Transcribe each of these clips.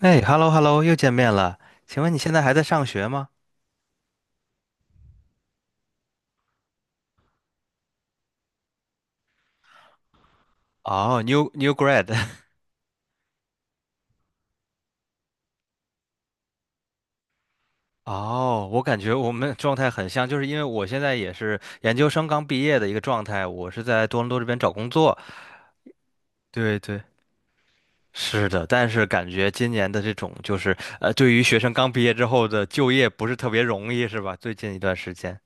哎，hello hello，又见面了。请问你现在还在上学吗？哦，new grad。哦，我感觉我们状态很像，就是因为我现在也是研究生刚毕业的一个状态，我是在多伦多这边找工作。对对，是的，但是感觉今年的这种就是对于学生刚毕业之后的就业不是特别容易，是吧？最近一段时间。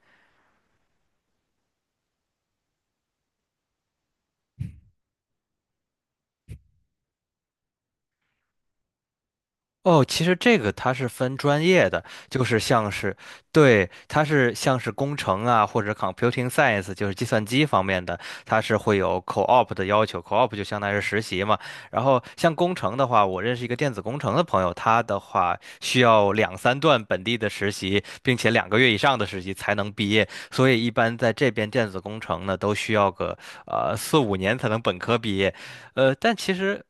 哦，其实这个它是分专业的，就是像是，对，它是像是工程啊，或者 computing science，就是计算机方面的，它是会有 co-op 的要求，co-op 就相当于是实习嘛。然后像工程的话，我认识一个电子工程的朋友，他的话需要两三段本地的实习，并且2个月以上的实习才能毕业，所以一般在这边电子工程呢，都需要个4、5年才能本科毕业。但其实。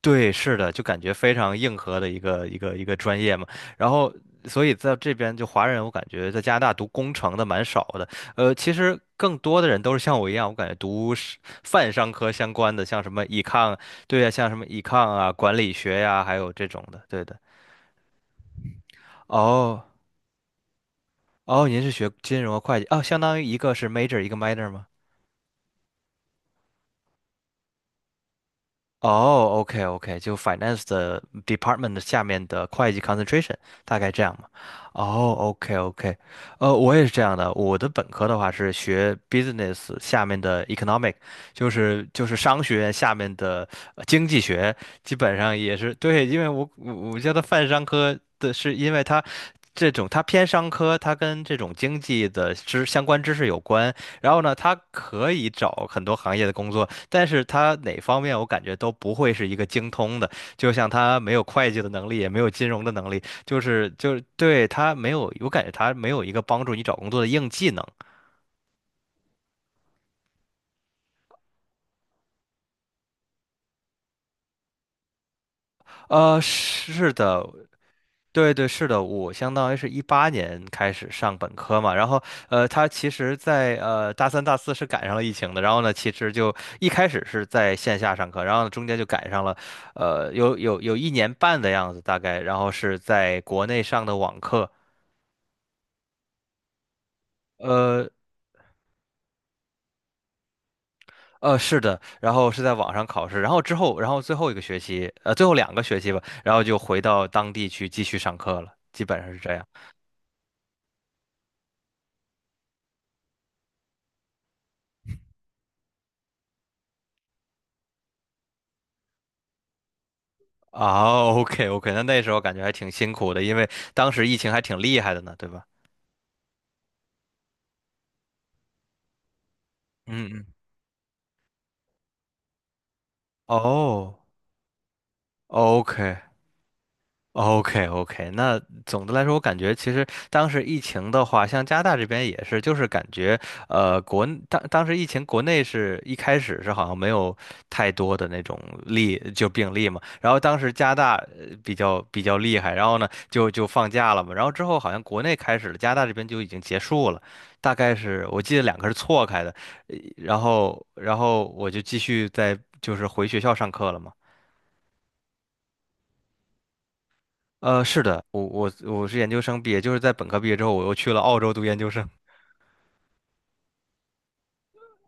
对，是的，就感觉非常硬核的一个专业嘛。然后，所以在这边就华人，我感觉在加拿大读工程的蛮少的。其实更多的人都是像我一样，我感觉读是泛商科相关的，像什么 econ，对呀，像什么 econ 啊、管理学呀、还有这种的。对的。哦哦，您是学金融和会计哦，相当于一个是 major，一个 minor 吗？哦，OK OK，就 finance 的department 的下面的会计 concentration 大概这样嘛。哦，OK OK，我也是这样的。我的本科的话是学 business 下面的 economic，就是商学院下面的经济学，基本上也是对，因为我叫它泛商科的是因为它。这种它偏商科，它跟这种经济的知相关知识有关，然后呢，他可以找很多行业的工作，但是他哪方面我感觉都不会是一个精通的。就像他没有会计的能力，也没有金融的能力，就是对他没有，我感觉他没有一个帮助你找工作的硬技能。是的，对对，是的，我相当于是18年开始上本科嘛，然后他其实在，大三、大四是赶上了疫情的，然后呢，其实就一开始是在线下上课，然后呢中间就赶上了，有一年半的样子大概，然后是在国内上的网课，呃是的，然后是在网上考试，然后之后，然后最后一个学期，最后两个学期吧，然后就回到当地去继续上课了，基本上是这样。啊，OK OK，那时候感觉还挺辛苦的，因为当时疫情还挺厉害的呢，对吧？嗯嗯。哦，OK，OK OK，那总的来说，我感觉其实当时疫情的话，像加拿大这边也是，就是感觉当时疫情国内是一开始是好像没有太多的那种例，就病例嘛，然后当时加拿大比较厉害，然后呢就放假了嘛，然后之后好像国内开始了，加拿大这边就已经结束了，大概是我记得两个是错开的，然后我就继续在就是回学校上课了嘛。是的，我是研究生毕业，就是在本科毕业之后，我又去了澳洲读研究生。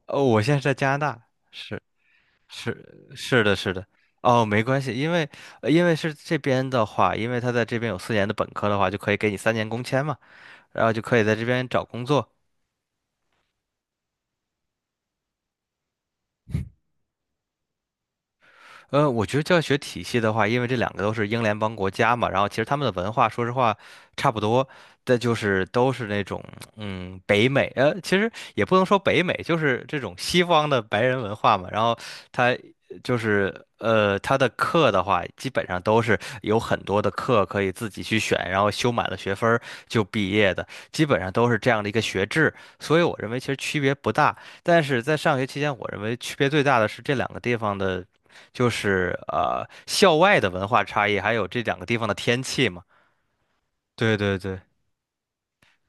哦，我现在在加拿大，是是是的，是的。哦，没关系，因为是这边的话，因为他在这边有4年的本科的话，就可以给你3年工签嘛，然后就可以在这边找工作。我觉得教学体系的话，因为这两个都是英联邦国家嘛，然后其实他们的文化，说实话差不多，但就是都是那种北美，其实也不能说北美，就是这种西方的白人文化嘛。然后他就是他的课的话，基本上都是有很多的课可以自己去选，然后修满了学分儿就毕业的，基本上都是这样的一个学制。所以我认为其实区别不大，但是在上学期间，我认为区别最大的是这两个地方的。就是校外的文化差异，还有这两个地方的天气嘛。对对对。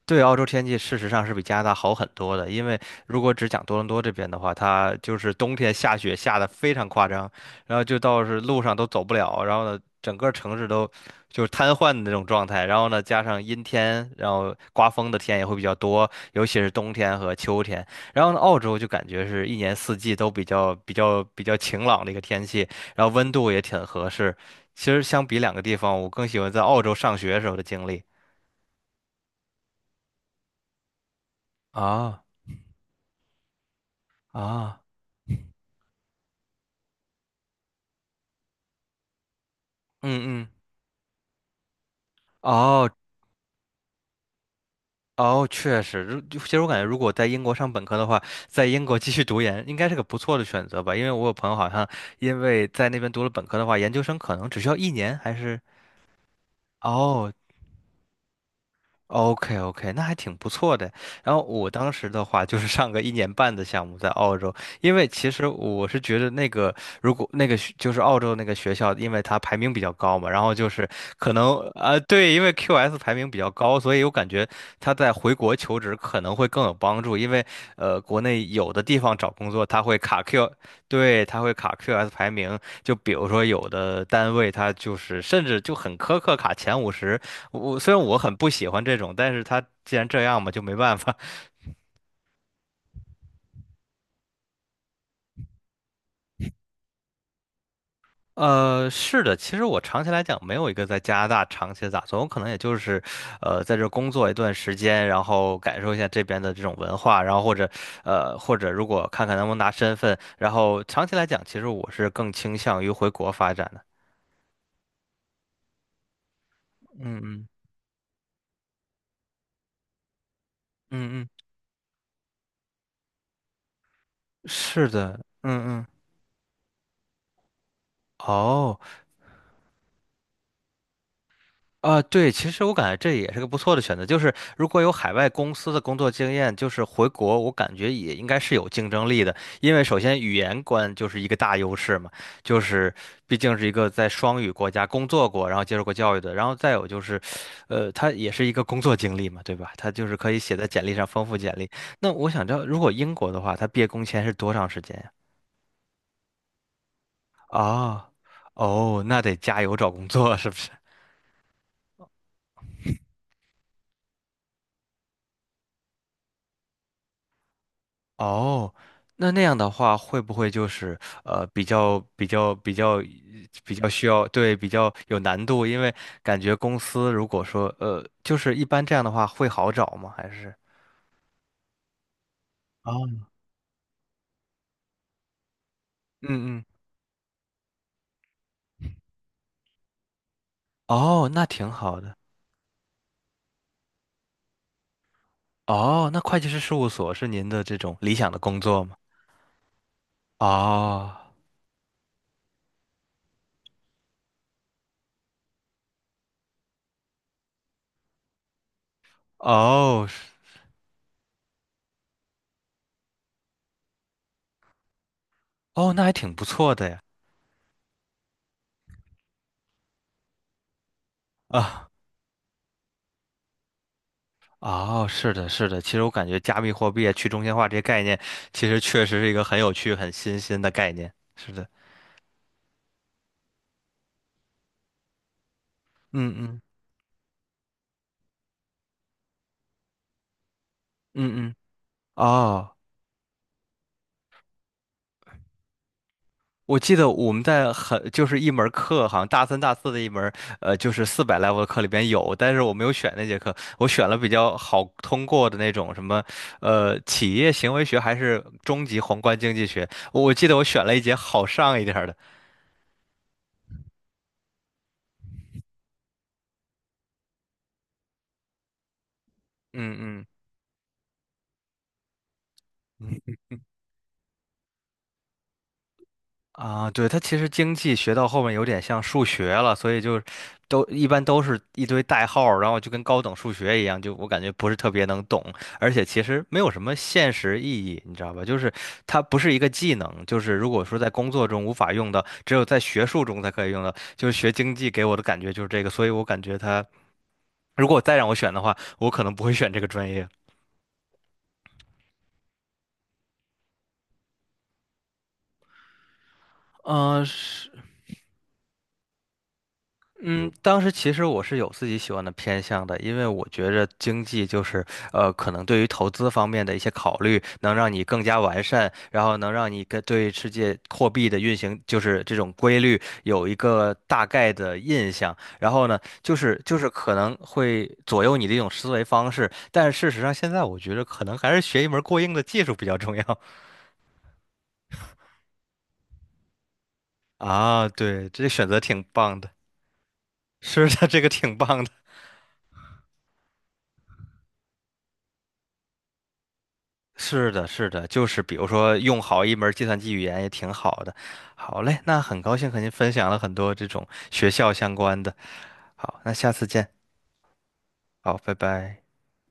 对，澳洲天气事实上是比加拿大好很多的，因为如果只讲多伦多这边的话，它就是冬天下雪下的非常夸张，然后就到是路上都走不了，然后呢，整个城市都就是瘫痪的那种状态，然后呢，加上阴天，然后刮风的天也会比较多，尤其是冬天和秋天。然后呢，澳洲就感觉是一年四季都比较晴朗的一个天气，然后温度也挺合适。其实相比两个地方，我更喜欢在澳洲上学时候的经历。啊啊！嗯嗯，哦哦，确实，其实我感觉，如果在英国上本科的话，在英国继续读研应该是个不错的选择吧，因为我有朋友好像因为在那边读了本科的话，研究生可能只需要一年，还是哦，OK OK，那还挺不错的。然后我当时的话就是上个一年半的项目在澳洲，因为其实我是觉得那个如果那个就是澳洲那个学校，因为它排名比较高嘛，然后就是可能啊、对，因为 QS 排名比较高，所以我感觉他在回国求职可能会更有帮助，因为国内有的地方找工作他会卡 Q，对，他会卡 QS 排名，就比如说，有的单位他就是甚至就很苛刻卡前50，我虽然我很不喜欢这种，但是他既然这样嘛，就没办法。是的，其实我长期来讲没有一个在加拿大长期的打算，我可能也就是，在这工作一段时间，然后感受一下这边的这种文化，然后或者，或者如果看看能不能拿身份，然后长期来讲，其实我是更倾向于回国发展的。嗯嗯嗯嗯，是的，嗯嗯。哦，啊，对，其实我感觉这也是个不错的选择。就是如果有海外公司的工作经验，就是回国，我感觉也应该是有竞争力的。因为首先语言关就是一个大优势嘛，就是毕竟是一个在双语国家工作过，然后接受过教育的。然后再有就是，他也是一个工作经历嘛，对吧？他就是可以写在简历上丰富简历。那我想知道，如果英国的话，他毕业工签是多长时间呀？啊，哦，那得加油找工作，是不是？哦，那那样的话，会不会就是呃比较比较比较比较需要对比较有难度？因为感觉公司如果说就是一般这样的话会好找吗？还是哦嗯嗯哦，那挺好的哦。那会计师事务所是您的这种理想的工作吗？哦哦是哦，那还挺不错的呀啊。哦，是的，是的。其实我感觉加密货币啊、去中心化这些概念，其实确实是一个很有趣、很新鲜的概念。是的，嗯嗯嗯嗯。哦，我记得我们在很就是一门课，好像大三、大四的一门，就是400 level 的课里边有，但是我没有选那节课，我选了比较好通过的那种什么，企业行为学还是中级宏观经济学。我记得我选了一节好上一点儿的。嗯嗯啊，对，它其实经济学到后面有点像数学了，所以就都一般都是一堆代号儿然后就跟高等数学一样，就我感觉不是特别能懂，而且其实没有什么现实意义，你知道吧？就是它不是一个技能，就是如果说在工作中无法用到，只有在学术中才可以用到，就是学经济给我的感觉就是这个，所以我感觉它如果再让我选的话，我可能不会选这个专业。嗯、是嗯，当时其实我是有自己喜欢的偏向的，因为我觉着经济就是，可能对于投资方面的一些考虑，能让你更加完善，然后能让你跟对世界货币的运行，就是这种规律有一个大概的印象。然后呢，就是就是可能会左右你的一种思维方式，但是事实上现在我觉得可能还是学一门过硬的技术比较重要 啊。对，这选择挺棒的，是的，这个挺棒的。是的，是的，就是比如说用好一门计算机语言也挺好的。好嘞，那很高兴和您分享了很多这种学校相关的。好，那下次见。好，拜拜。